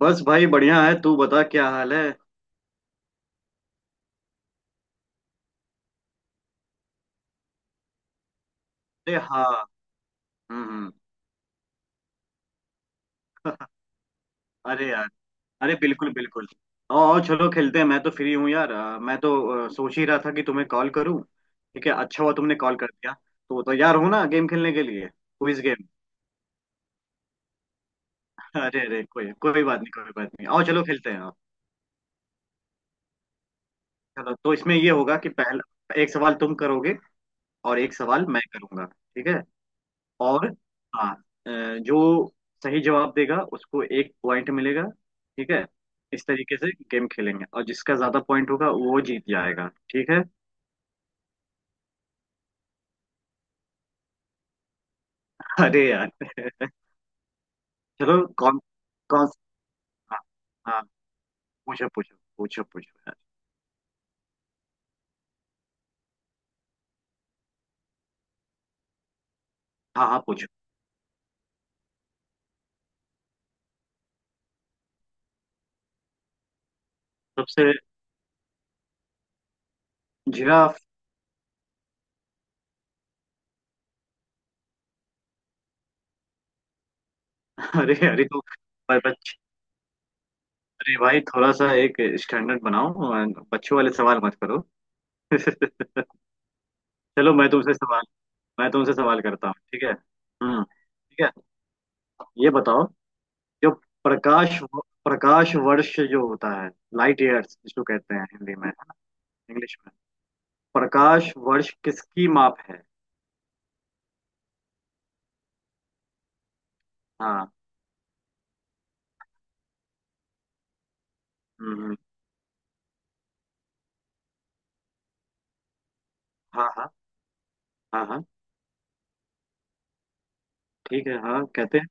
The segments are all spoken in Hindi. बस भाई बढ़िया है। तू बता क्या हाल है। अरे हाँ। हम्म हम्म, अरे यार। अरे बिल्कुल बिल्कुल। आओ आओ चलो खेलते हैं। मैं तो फ्री हूँ यार, मैं तो सोच ही रहा था कि तुम्हें कॉल करूँ। ठीक है अच्छा हुआ तुमने कॉल कर दिया। तो तैयार हो ना गेम खेलने के लिए, क्विज गेम। अरे अरे कोई कोई बात नहीं, कोई बात नहीं। आओ चलो खेलते हैं आओ। चलो तो इसमें ये होगा कि पहला एक सवाल तुम करोगे और एक सवाल मैं करूंगा ठीक है। और हाँ अ, जो सही जवाब देगा उसको एक पॉइंट मिलेगा ठीक है। इस तरीके से गेम खेलेंगे और जिसका ज्यादा पॉइंट होगा वो जीत जाएगा ठीक है। अरे यार। चलो कौन, कौन। हाँ हाँ पूछो पूछो पूछो पूछो यार। हाँ हाँ पूछो। सबसे। जिराफ। अरे अरे तो, पर बच अरे भाई थोड़ा सा एक स्टैंडर्ड बनाओ और बच्चों वाले सवाल मत करो। चलो मैं तुमसे सवाल करता हूँ ठीक है, ठीक है। ये बताओ, जो प्रकाश, प्रकाश वर्ष जो होता है, लाइट ईयर्स जिसको कहते हैं हिंदी में, इंग्लिश में, प्रकाश वर्ष किसकी माप है? हाँ। हम्म, हाँ हाँ हाँ। हाँ ठीक है हाँ कहते हैं।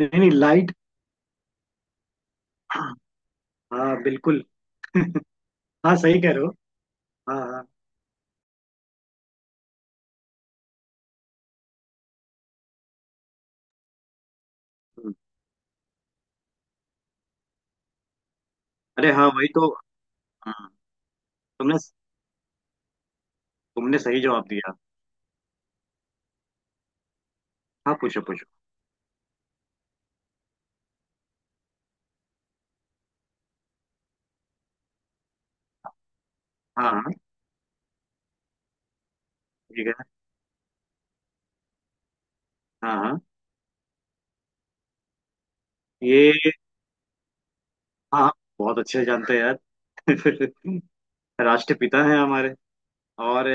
नहीं नहीं लाइट। हाँ बिल्कुल। हाँ सही कह रहे हो, हाँ हाँ। हम्म, अरे हाँ वही तो। हाँ, तुमने तुमने सही जवाब दिया। हाँ पूछो पूछो। हाँ हाँ ठीक है, हाँ हाँ। ये हाँ बहुत अच्छे जानते हैं यार। राष्ट्रपिता हैं हमारे। और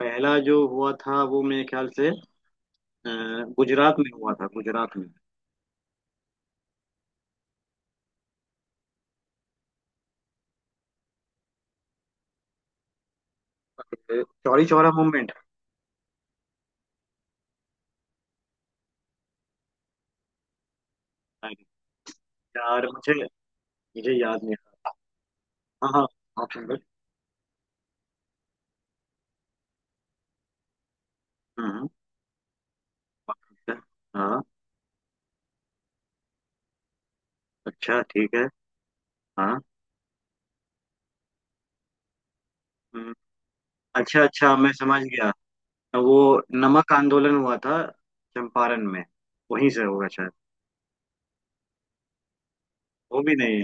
पहला जो हुआ था वो मेरे ख्याल से गुजरात में हुआ था, गुजरात में। चौरी चौरा मूवमेंट। यार मुझे मुझे याद नहीं आ रहा। हाँ हाँ ऑप्शन दो। हम्म। पाकिस्तान। हाँ अच्छा ठीक है हाँ। हम्म, अच्छा अच्छा मैं समझ गया, वो नमक आंदोलन हुआ था चंपारण में, वहीं से होगा शायद। वो भी नहीं।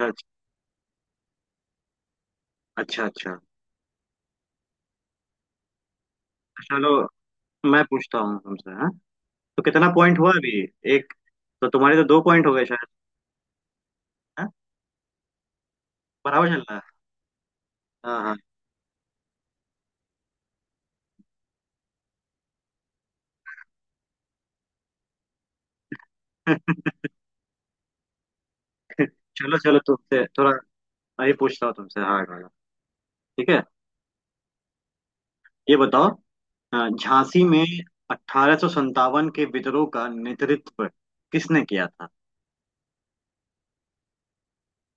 अच्छा अच्छा अच्छा अच्छा। चलो मैं पूछता हूँ तुमसे हाँ। तो कितना पॉइंट हुआ अभी, एक? तो तुम्हारे तो दो पॉइंट हो गए शायद। हाँ? बराबर चल रहा है, हाँ हाँ। चलो चलो तुमसे थोड़ा मैं भी पूछता हूँ तुमसे हाँ हाँ हाँ। ठीक है। ये बताओ, झांसी में अठारह सत्तावन के विद्रोह का नेतृत्व किसने किया था?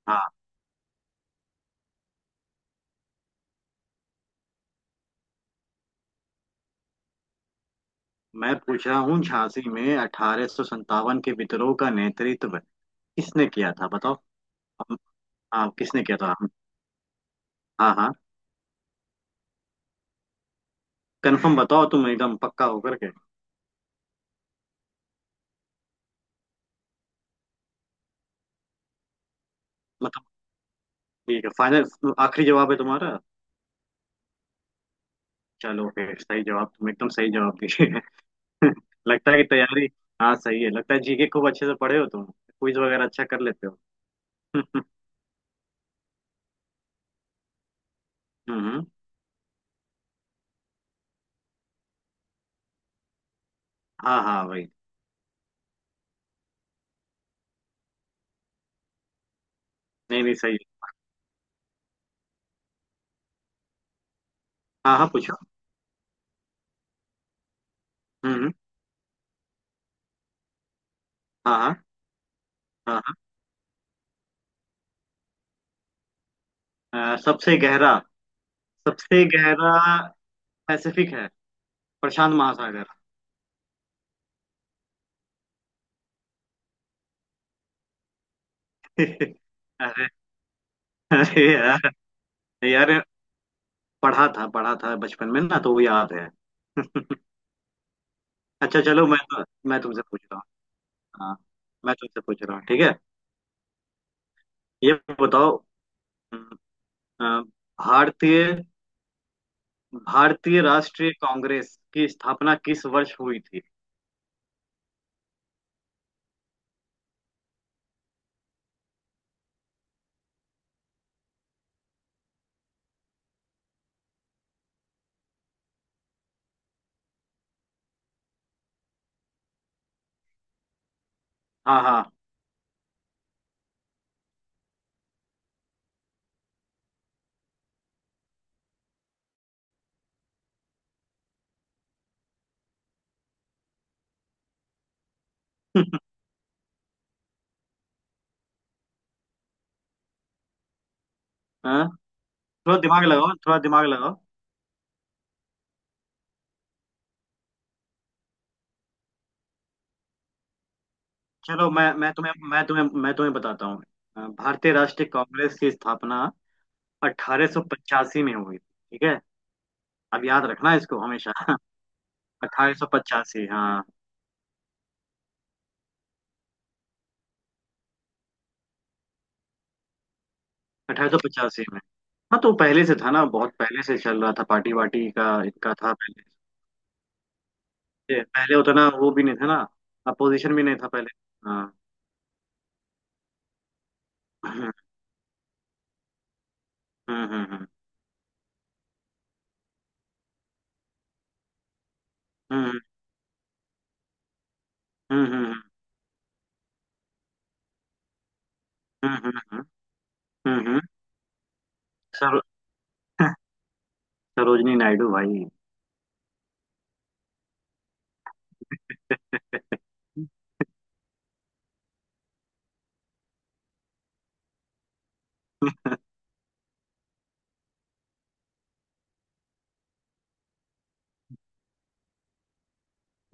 हाँ मैं पूछ रहा हूँ, झांसी में अठारह सत्तावन के विद्रोह का नेतृत्व किसने किया था बताओ, हम। हाँ किसने किया था, हम। हाँ हाँ। कंफर्म बताओ तुम एकदम पक्का होकर के। मतलब ठीक है फाइनल, आखिरी जवाब है तुम्हारा। चलो फिर सही जवाब, तुम एकदम सही जवाब दिए। लगता है कि तैयारी। हाँ सही है, लगता है जीके खूब अच्छे से पढ़े हो तुम, क्विज वगैरह अच्छा कर लेते हो। हम्म। हाँ हाँ भाई। नहीं नहीं सही है। हाँ हाँ पूछो। हम्म, हाँ हाँ हाँ हाँ। सबसे गहरा, सबसे गहरा पैसिफिक है, प्रशांत महासागर। अरे। अरे यार। यार, पढ़ा था बचपन में ना तो वो याद है। अच्छा चलो मैं तो, मैं तुमसे पूछ रहा हूँ, हाँ। मैं तुमसे पूछ रहा हूँ ठीक है। ये बताओ, हम्म, अ, भारतीय भारतीय राष्ट्रीय कांग्रेस की स्थापना किस वर्ष हुई थी? हाँ हाँ। हाँ थोड़ा दिमाग लगाओ, थोड़ा दिमाग लगाओ। चलो मैं तुम्हें बताता हूँ, भारतीय राष्ट्रीय कांग्रेस की स्थापना 1885 में हुई थी, ठीक है। अब याद रखना इसको हमेशा। 1885 हाँ। 1885 में। हाँ तो पहले से था ना, बहुत पहले से चल रहा था, पार्टी वार्टी का इनका था पहले। ये पहले उतना वो भी नहीं था ना, अपोजिशन भी नहीं था पहले। हाँ। हम्म हम्म हम्म हम्म हम्म हम्म हम्म, हम्म हम्म हम्म हम्म, हम्म। सरो, सरोजनी नायडू भाई।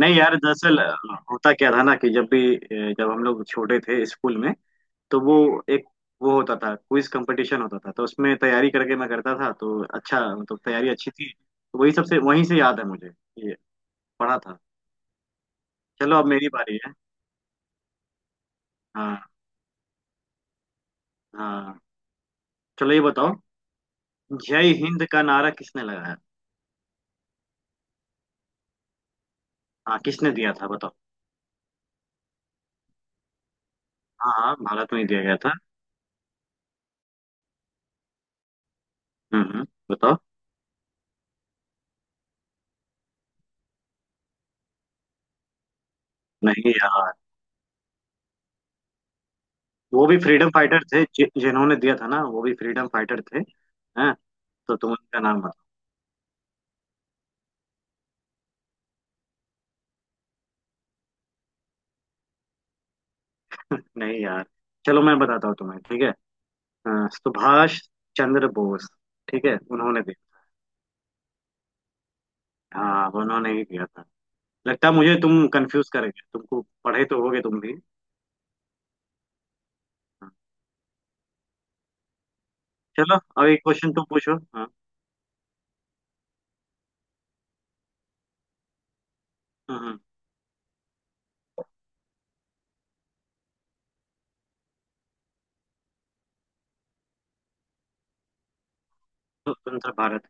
नहीं यार, दरअसल होता क्या था ना कि जब भी, जब हम लोग छोटे थे स्कूल में तो वो एक, वो होता था क्विज कंपटीशन होता था तो उसमें तैयारी करके मैं करता था, तो अच्छा मतलब तैयारी अच्छी थी तो वही सबसे वहीं से याद है मुझे, ये पढ़ा था। चलो अब मेरी बारी है, हाँ हाँ। चलो ये बताओ, जय हिंद का नारा किसने लगाया? हाँ किसने दिया था बताओ। हाँ हाँ भारत में ही दिया गया था। हम्म हम्म बताओ। नहीं यार। वो भी फ्रीडम फाइटर थे, जिन्होंने दिया था ना, वो भी फ्रीडम फाइटर थे हैं। तो तुम उनका नाम बताओ। नहीं यार चलो मैं बताता हूँ तुम्हें ठीक है। हाँ, सुभाष चंद्र बोस। ठीक है उन्होंने दिया। हाँ उन्होंने ही दिया था। लगता है मुझे तुम कंफ्यूज करेंगे, तुमको पढ़े तो होगे तुम भी। हाँ, चलो अब एक क्वेश्चन तुम पूछो हाँ। हम्म, हम्म, तो स्वतंत्र भारत।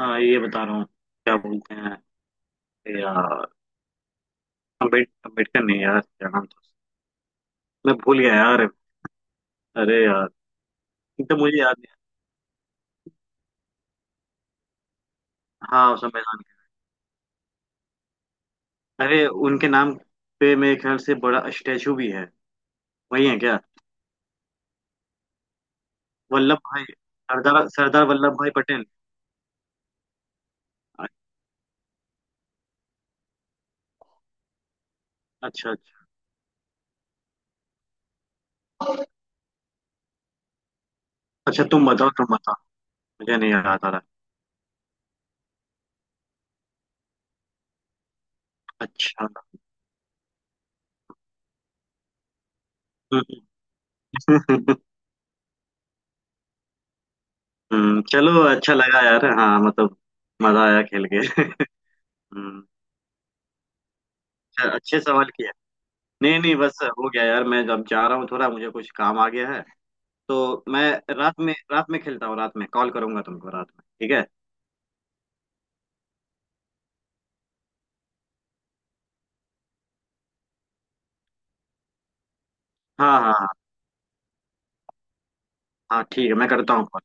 हाँ ये बता रहा हूँ, क्या बोलते हैं यार, अम्बेडकर नहीं यार, क्या नाम था, मैं भूल गया यार। अरे यार, एकदम मुझे याद नहीं। हाँ संविधान। अरे उनके नाम पे मेरे ख्याल से बड़ा स्टैचू भी है, वही है क्या? वल्लभ भाई, सरदार, सरदार वल्लभ भाई पटेल। अ- अच्छा अच्छा अच्छा, तुम बताओ तुम बताओ, मुझे नहीं याद आ रहा। अच्छा। चलो अच्छा लगा यार, हाँ मतलब, मजा आया खेल के। हम्म, अच्छा, अच्छे सवाल किया। नहीं नहीं बस हो गया यार, मैं अब जा रहा हूँ, थोड़ा मुझे कुछ काम आ गया है, तो मैं रात में, रात में खेलता हूँ, रात में कॉल करूंगा तुमको रात में, ठीक है। हाँ हाँ हाँ। हाँ ठीक है, मैं करता हूँ call।